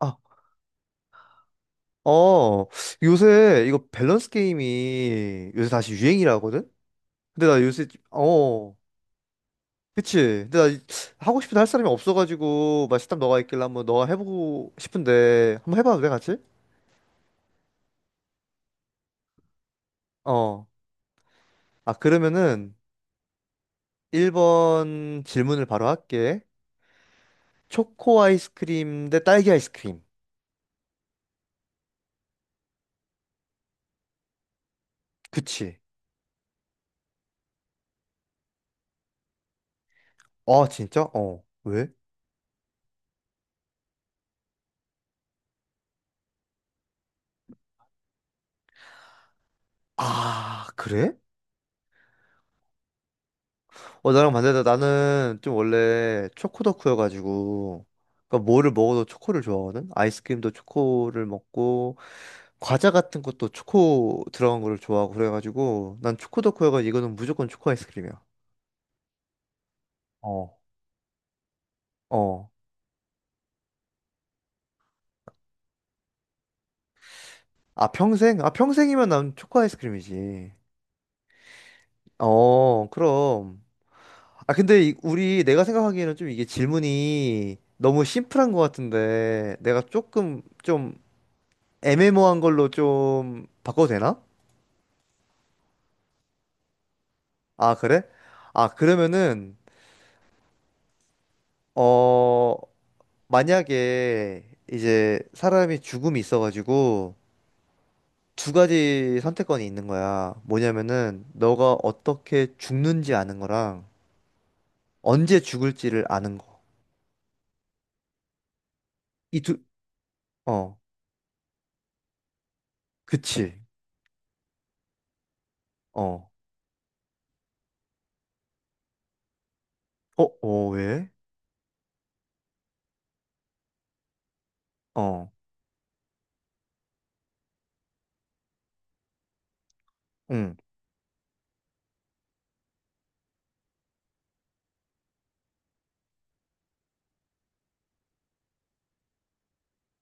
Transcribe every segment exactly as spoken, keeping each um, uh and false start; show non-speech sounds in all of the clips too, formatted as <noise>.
아, 어, 요새 이거 밸런스 게임이 요새 다시 유행이라 하거든? 근데 나 요새, 어, 그치. 근데 나 이- 하고 싶은데 할 사람이 없어가지고, 맛있다 너가 있길래 한번 너가 해보고 싶은데, 한번 해봐도 돼, 같이? 어. 아, 그러면은 일 번 질문을 바로 할게. 초코 아이스크림 대 딸기 아이스크림. 그치. 아, 진짜? 어. 왜? 아, 그래? 어, 나랑 반대다. 나는 좀 원래 초코 덕후여가지고, 그러니까 뭐를 먹어도 초코를 좋아하거든? 아이스크림도 초코를 먹고, 과자 같은 것도 초코 들어간 거를 좋아하고, 그래가지고, 난 초코 덕후여가지고, 이거는 무조건 초코 아이스크림이야. 어. 어. 아, 평생? 아, 평생이면 난 초코 아이스크림이지. 어, 그럼. 아, 근데 이- 우리 내가 생각하기에는 좀 이게 질문이 너무 심플한 것 같은데, 내가 조금 좀 애매모호한 걸로 좀 바꿔도 되나? 아, 그래? 아, 그러면은, 어, 만약에 이제 사람이 죽음이 있어가지고 두 가지 선택권이 있는 거야. 뭐냐면은, 너가 어떻게 죽는지 아는 거랑 언제 죽을지를 아는 거. 이 두, 어, 그치. 어, 어, 어, 왜? 어, 응.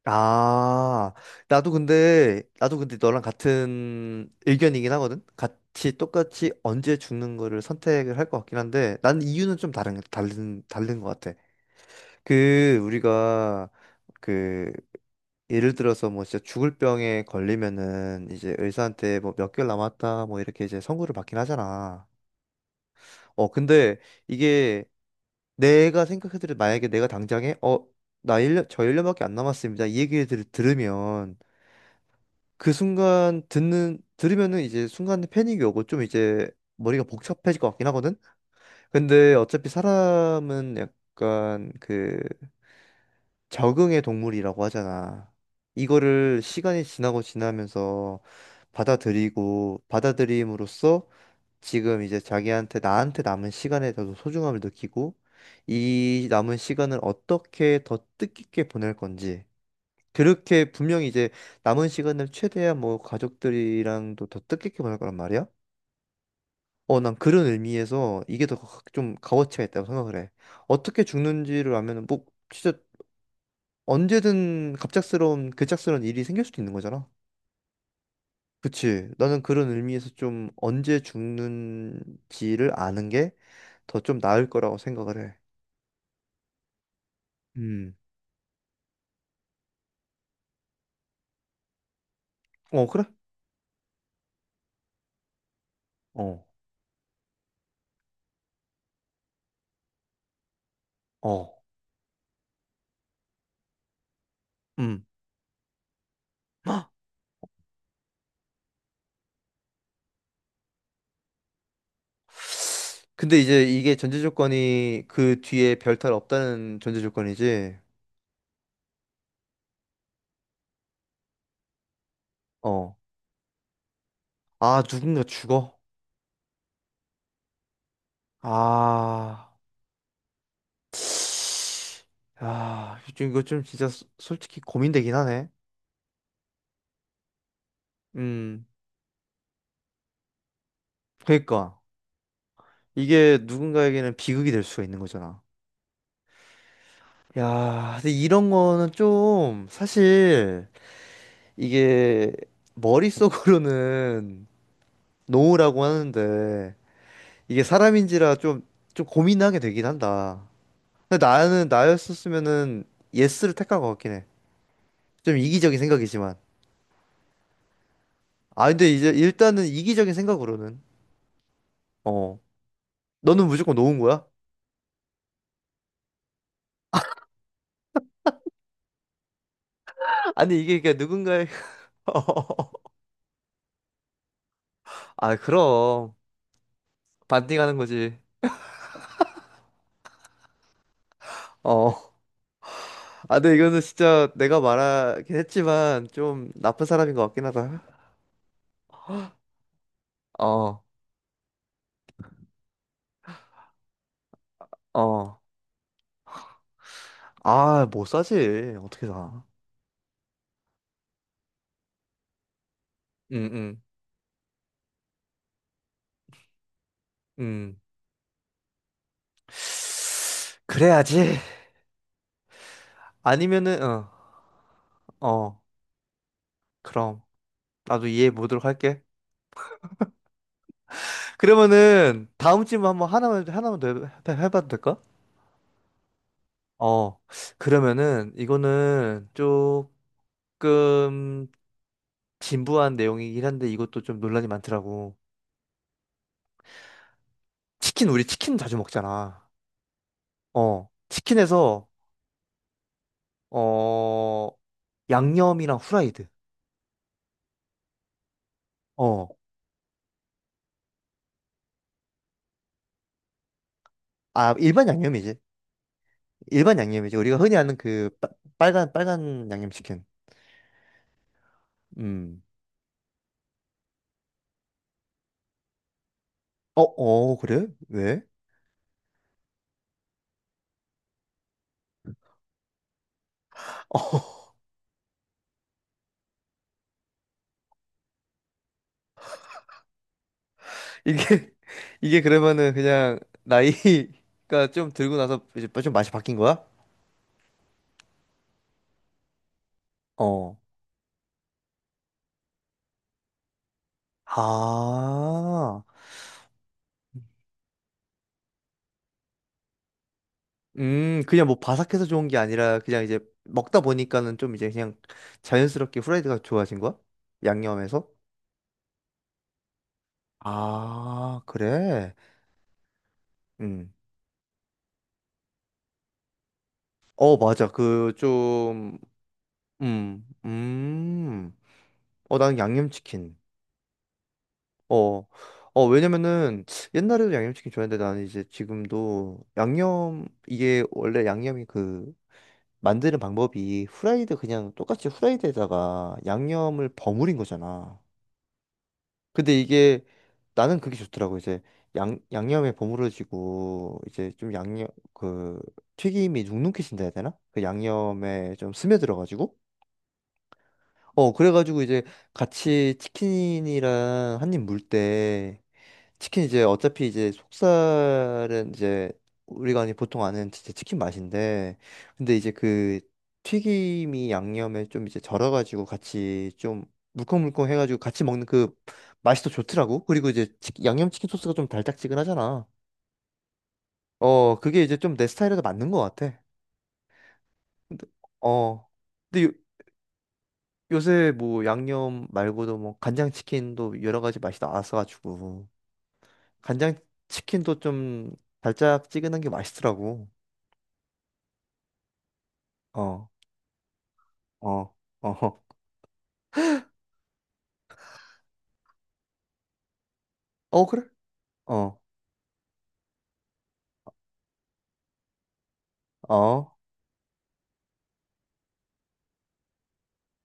아, 나도 근데, 나도 근데 너랑 같은 의견이긴 하거든? 같이 똑같이 언제 죽는 거를 선택을 할 것 같긴 한데, 난 이유는 좀 다른, 다른, 다른 것 같아. 그, 우리가, 그, 예를 들어서 뭐 진짜 죽을 병에 걸리면은 이제 의사한테 뭐 몇 개월 남았다, 뭐 이렇게 이제 선고를 받긴 하잖아. 어, 근데 이게 내가 생각해도 만약에 내가 당장에, 어, 나 일 년저 일 년밖에 안 남았습니다. 이 얘기를 들- 들으면, 그 순간 듣는 들으면은 이제 순간에 패닉이 오고 좀 이제 머리가 복잡해질 것 같긴 하거든. 근데 어차피 사람은 약간 그 적응의 동물이라고 하잖아. 이거를 시간이 지나고 지나면서 받아들이고 받아들임으로써 지금 이제 자기한테 나한테 남은 시간에 더 소중함을 느끼고 이 남은 시간을 어떻게 더 뜻깊게 보낼 건지 그렇게 분명히 이제 남은 시간을 최대한 뭐 가족들이랑도 더 뜻깊게 보낼 거란 말이야. 어, 난 그런 의미에서 이게 더 좀 값어치가 있다고 생각을 해. 어떻게 죽는지를 알면은 뭐 진짜 언제든 갑작스러운 급작스러운 일이 생길 수도 있는 거잖아. 그치. 나는 그런 의미에서 좀 언제 죽는지를 아는 게 더 좀 나을 거라고 생각을 해. 음. 어, 그래? 어. 어. 음. 근데 이제 이게 전제 조건이 그 뒤에 별탈 없다는 전제 조건이지. 어. 아, 누군가 죽어? 아. 아, 좀 이거 좀 진짜 소- 솔직히 고민되긴 하네. 음. 그러니까 이게 누군가에게는 비극이 될 수가 있는 거잖아. 야, 근데 이런 거는 좀 사실 이게 머릿속으로는 노우라고 하는데 이게 사람인지라 좀 좀 고민하게 되긴 한다. 근데 나는 나였었으면은 예스를 택할 것 같긴 해. 좀 이기적인 생각이지만. 아, 근데 이제 일단은 이기적인 생각으로는 어, 너는 무조건 놓은 거야? <laughs> 아니 이게 그냥 누군가의 <laughs> 아, 그럼 반띵하는 거지. 어. 아, 근데 이거는 진짜 내가 말하긴 했지만 좀 나쁜 사람인 것 같긴 하다. 어. 어. 아, 못 사지. 어떻게 사? 음, 음, 음. 그래야지. 아니면은 어. 어. 그럼 나도 이해해 보도록 할게. 그러면은 다음 질문 한번 하나만 하나만 더 해- 해봐도 될까? 어, 그러면은 이거는 조금 진부한 내용이긴 한데 이것도 좀 논란이 많더라고. 치킨 우리 치킨 자주 먹잖아. 어, 치킨에서 어, 양념이랑 후라이드. 어, 아, 일반 양념이지. 일반 양념이지. 우리가 흔히 아는 그 빨- 빨간 빨간 양념 치킨. 음. 어, 어, 그래? 왜? <laughs> 이게 <laughs> 이게 그러면은 그냥 나이가 좀 들고 나서 이제 좀 맛이 바뀐 거야? 어. 아. 음, 그냥 뭐 바삭해서 좋은 게 아니라 그냥 이제 먹다 보니까는 좀 이제 그냥 자연스럽게 후라이드가 좋아진 거야? 양념에서? 아, 그래. 음. 어, 맞아. 그 좀 음. 음. 어, 나는 양념치킨. 어, 어, 왜냐면은 옛날에도 양념치킨 좋아했는데 나는 이제 지금도 양념, 이게 원래 양념이 그 만드는 방법이 후라이드 그냥 똑같이 후라이드에다가 양념을 버무린 거잖아. 근데 이게 나는 그게 좋더라고. 이제 양, 양념에 버무려지고 이제 좀 양념, 그 튀김이 눅눅해진다 해야 되나? 그 양념에 좀 스며들어가지고 어, 그래가지고 이제 같이 치킨이랑 한입 물 때, 치킨 이제 어차피 이제 속살은 이제 우리가 아니 보통 아는 진짜 치킨 맛인데, 근데 이제 그 튀김이 양념에 좀 이제 절여가지고 같이 좀 물컹물컹 해가지고 같이 먹는 그 맛이 더 좋더라고. 그리고 이제 치 양념치킨 소스가 좀 달짝지근하잖아. 어, 그게 이제 좀 내 스타일에도 맞는 것 같아. 근데, 어. 근데 요새 뭐 양념 말고도 뭐 간장치킨도 여러 가지 맛이 나와서가지고 간장치킨도 좀 달짝지근한 게 맛있더라고. 어, 어, 어, 어, 어, 그래? 어, 어,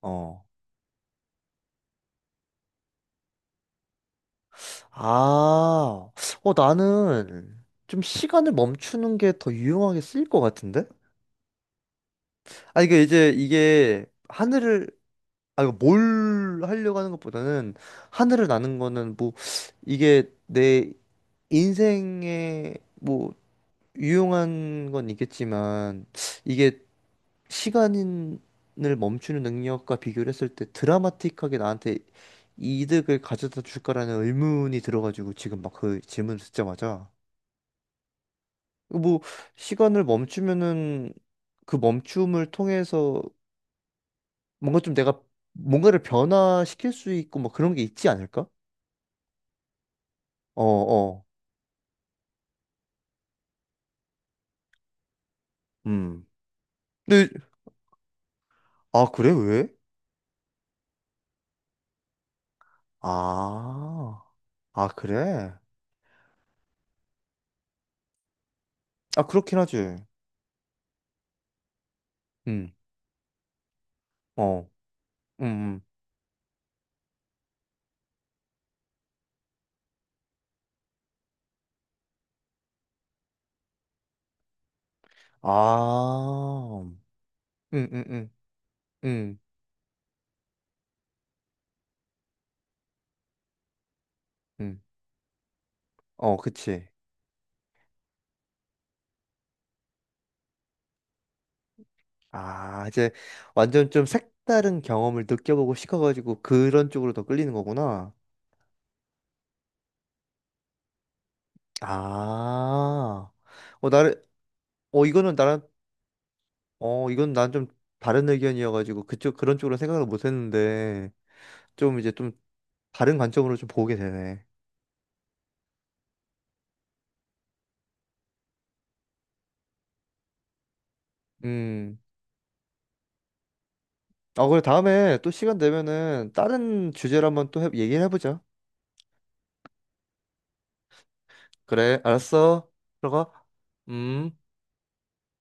어. 아, 어, 나는 좀 시간을 멈추는 게 더 유용하게 쓰일 것 같은데? 아, 이게 이제 이게 하늘을, 아, 이거 뭘 하려고 하는 것보다는 하늘을 나는 거는 뭐 이게 내 인생의 뭐 유용한 건 있겠지만 이게 시간을 멈추는 능력과 비교를 했을 때 드라마틱하게 나한테 이득을 가져다 줄까라는 의문이 들어가지고 지금 막 그 질문을 듣자마자 뭐 시간을 멈추면은 그 멈춤을 통해서 뭔가 좀 내가 뭔가를 변화시킬 수 있고 뭐 그런 게 있지 않을까? 어, 어. 음. 근데 아, 그래, 왜? 아. 아, 그래? 아, 그렇긴 하지. 음. 어. 음, 음. 아, 음, 음, 음, 음, 음. 어, 그치. 아, 이제 완전 좀 색다른 경험을 느껴보고 싶어가지고 그런 쪽으로 더 끌리는 거구나. 아, 어, 나를, 어, 이거는 나랑, 어, 이건 난 좀 다른 의견이어가지고 그쪽, 그런 쪽으로 생각을 못 했는데 좀 이제 좀 다른 관점으로 좀 보게 되네. 음. 아, 그래, 다음에 또 시간 되면은 다른 주제로 한번 또 해- 얘기를 해보자. 그래, 알았어. 들어가. 음.